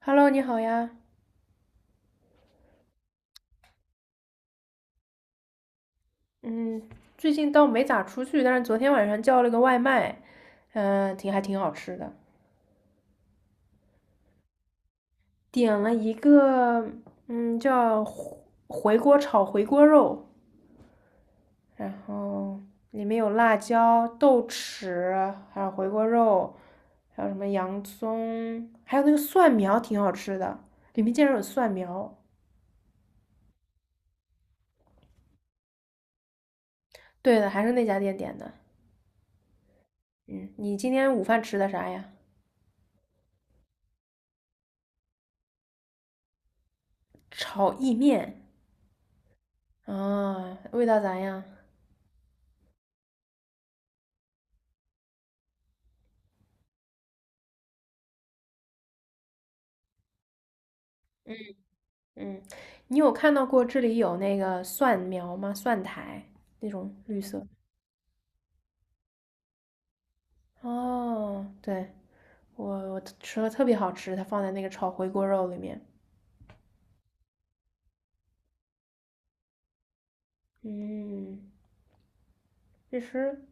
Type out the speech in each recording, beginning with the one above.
Hello，你好呀。嗯，最近倒没咋出去，但是昨天晚上叫了个外卖，挺挺好吃的。点了一个，嗯，叫回锅肉，然后里面有辣椒、豆豉，还有回锅肉，还有什么洋葱，还有那个蒜苗，挺好吃的。里面竟然有蒜苗。对的，还是那家店点的。嗯，你今天午饭吃的啥呀？炒意面。啊，味道咋样？嗯，你有看到过这里有那个蒜苗吗？蒜苔那种绿色。哦，对，我吃了特别好吃，它放在那个炒回锅肉里面。嗯，其实，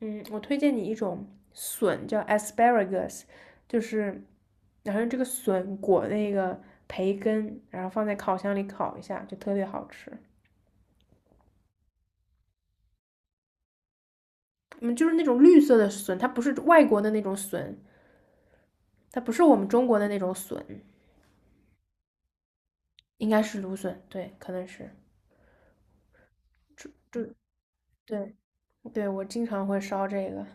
嗯，我推荐你一种笋，叫 asparagus,就是然后这个笋裹那个培根，然后放在烤箱里烤一下，就特别好吃。嗯，就是那种绿色的笋，它不是外国的那种笋，它不是我们中国的那种笋，应该是芦笋，对，可能是。对，对，对，我经常会烧这个。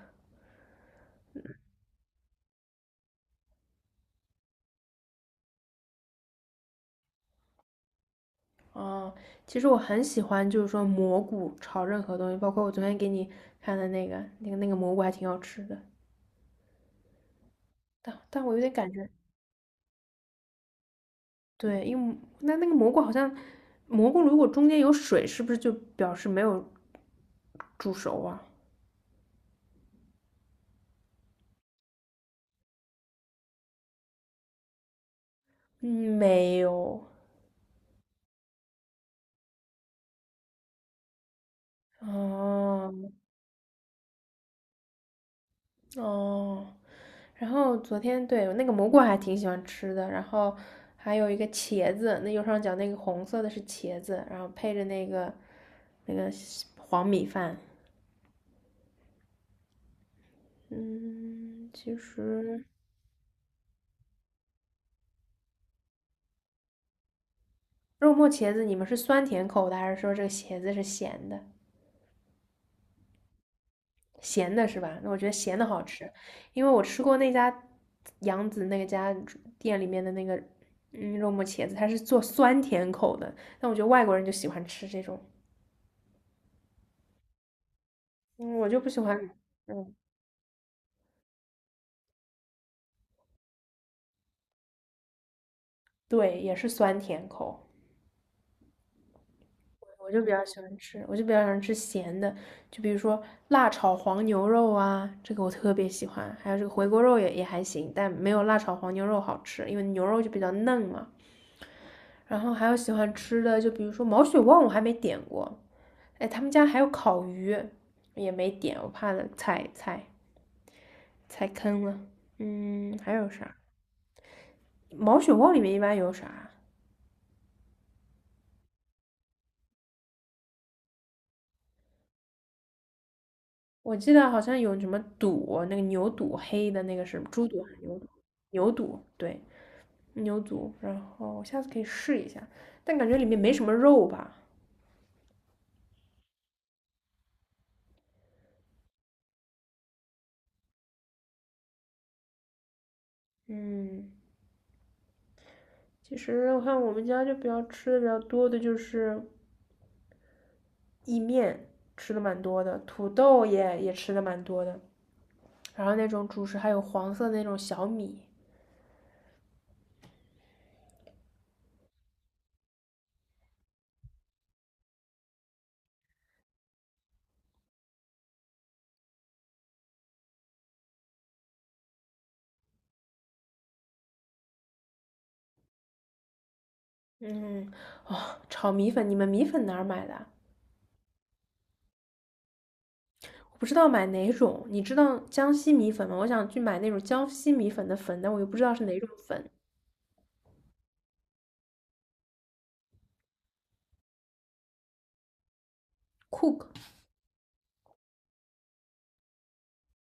哦，其实我很喜欢，就是说蘑菇炒任何东西，包括我昨天给你看的那个蘑菇还挺好吃的，但我有点感觉，对，因为那个蘑菇好像，蘑菇如果中间有水，是不是就表示没有煮熟啊？嗯，没有。哦，哦，然后昨天对那个蘑菇还挺喜欢吃的，然后还有一个茄子，那右上角那个红色的是茄子，然后配着那个黄米饭。嗯，其实肉末茄子你们是酸甜口的，还是说这个茄子是咸的？咸的是吧？那我觉得咸的好吃，因为我吃过那家杨子那家店里面的那个肉末茄子，它是做酸甜口的，但我觉得外国人就喜欢吃这种，嗯，我就不喜欢。嗯。对，也是酸甜口。我就比较喜欢吃，我就比较喜欢吃咸的，就比如说辣炒黄牛肉啊，这个我特别喜欢。还有这个回锅肉也还行，但没有辣炒黄牛肉好吃，因为牛肉就比较嫩嘛。然后还有喜欢吃的，就比如说毛血旺，我还没点过。哎，他们家还有烤鱼，也没点，我怕踩坑了。嗯，还有啥？毛血旺里面一般有啥？我记得好像有什么肚，那个牛肚黑的那个是猪肚还是牛肚？牛肚，对，牛肚。然后我下次可以试一下，但感觉里面没什么肉吧。嗯，其实我看我们家就比较吃的比较多的就是意面，吃的蛮多的，土豆也吃的蛮多的，然后那种主食还有黄色的那种小米，嗯，哦，炒米粉，你们米粉哪儿买的啊？我不知道买哪种。你知道江西米粉吗？我想去买那种江西米粉的粉，但我又不知道是哪种粉。Cook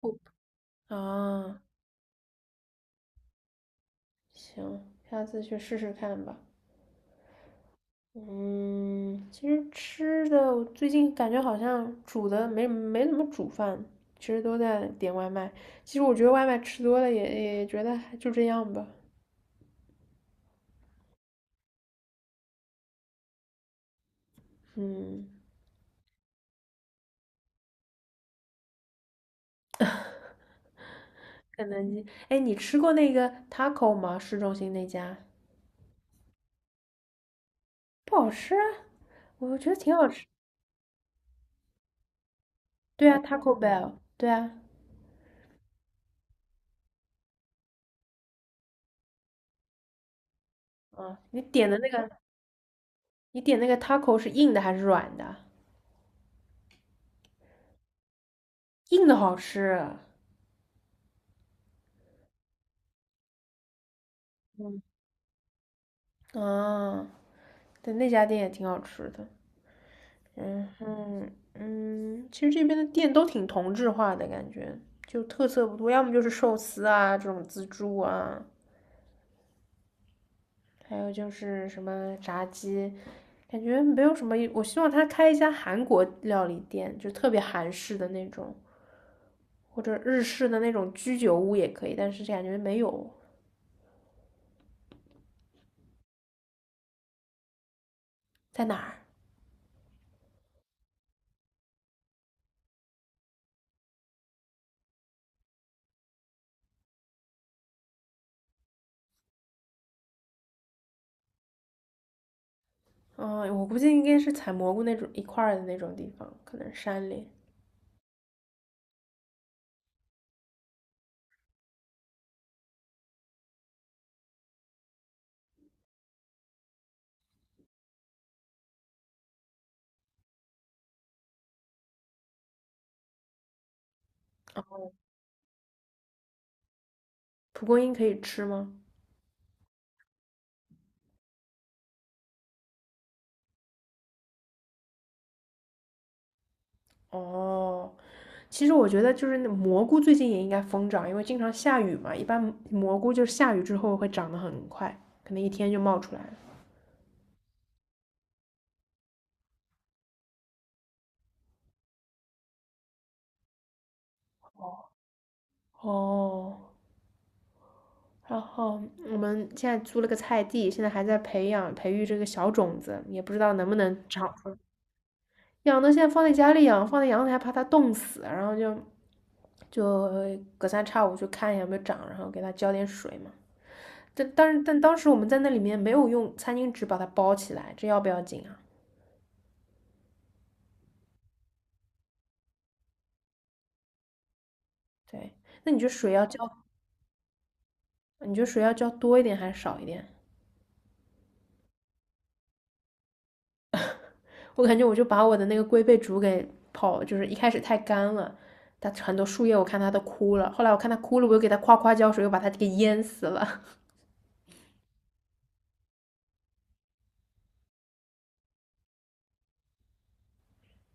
Cook 啊，行，下次去试试看吧。嗯，其实吃的我最近感觉好像煮的没怎么煮饭，其实都在点外卖。其实我觉得外卖吃多了也觉得还就这样吧。嗯，肯德基，哎，你吃过那个 taco 吗？市中心那家不好吃啊，我觉得挺好吃。对啊，Taco Bell,对啊，嗯，你点的那个，你点那个 taco 是硬的还是软的？硬的好吃，嗯，啊，对，那家店也挺好吃的，嗯哼，嗯，其实这边的店都挺同质化的感觉，就特色不多，要么就是寿司啊这种自助啊，还有就是什么炸鸡，感觉没有什么。我希望他开一家韩国料理店，就特别韩式的那种，或者日式的那种居酒屋也可以，但是感觉没有。在哪儿？嗯，我估计应该是采蘑菇那种一块儿的那种地方，可能山里。蒲公英可以吃吗？哦，其实我觉得就是那蘑菇最近也应该疯长，因为经常下雨嘛，一般蘑菇就是下雨之后会长得很快，可能一天就冒出来了。哦，然后我们现在租了个菜地，现在还在培育这个小种子，也不知道能不能长出来。养的现在放在家里养，放在阳台怕它冻死，然后就隔三差五去看一下有没有长，然后给它浇点水嘛。但当时我们在那里面没有用餐巾纸把它包起来，这要不要紧啊？对，那你觉得水要浇，你觉得水要浇多一点还是少一点？我感觉我就把我的那个龟背竹给泡，就是一开始太干了，它很多树叶我看它都枯了，后来我看它枯了，我又给它浇水，又把它给淹死了。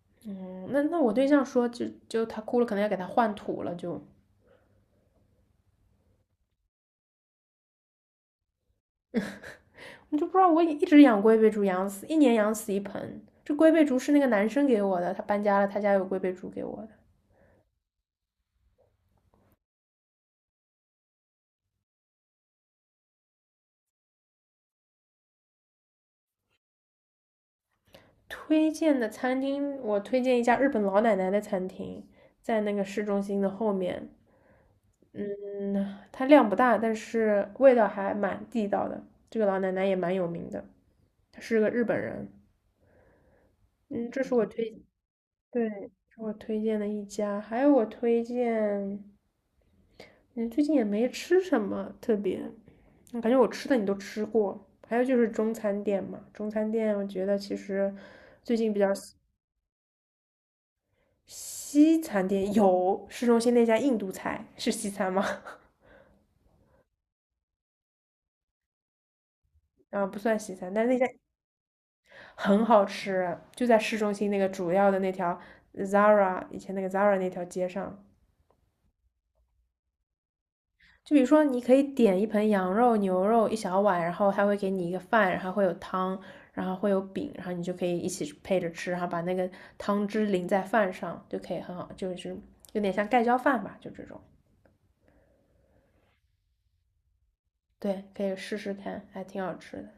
嗯，那我对象说就它枯了，可能要给它换土了，就你就不知道我一直养龟背竹养死，一年养死一盆。这龟背竹是那个男生给我的，他搬家了，他家有龟背竹给我的。推荐的餐厅，我推荐一家日本老奶奶的餐厅，在那个市中心的后面。嗯，它量不大，但是味道还蛮地道的。这个老奶奶也蛮有名的，她是个日本人。嗯，这是我推，对，是我推荐的一家。还有我推荐嗯，最近也没吃什么特别，我感觉我吃的你都吃过。还有就是中餐店嘛，中餐店我觉得其实最近比较西，西餐店有市中心那家印度菜是西餐吗？啊，不算西餐，但是那家很好吃，就在市中心那个主要的那条 Zara, 以前那个 Zara 那条街上，就比如说，你可以点一盆羊肉、牛肉一小碗，然后他会给你一个饭，然后会有汤，然后会有饼，然后你就可以一起配着吃，然后把那个汤汁淋在饭上，就可以很好，就是有点像盖浇饭吧，就这种。对，可以试试看，还挺好吃的。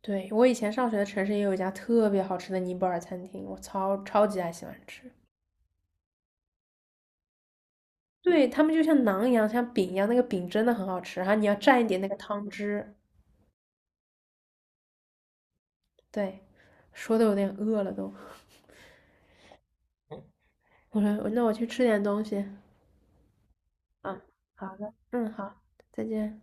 对，我以前上学的城市也有一家特别好吃的尼泊尔餐厅，我超级爱喜欢吃。对，他们就像馕一样，像饼一样，那个饼真的很好吃，然后你要蘸一点那个汤汁。对，说的有点饿了都。我说那我去吃点东西。嗯，好的，嗯，好，再见。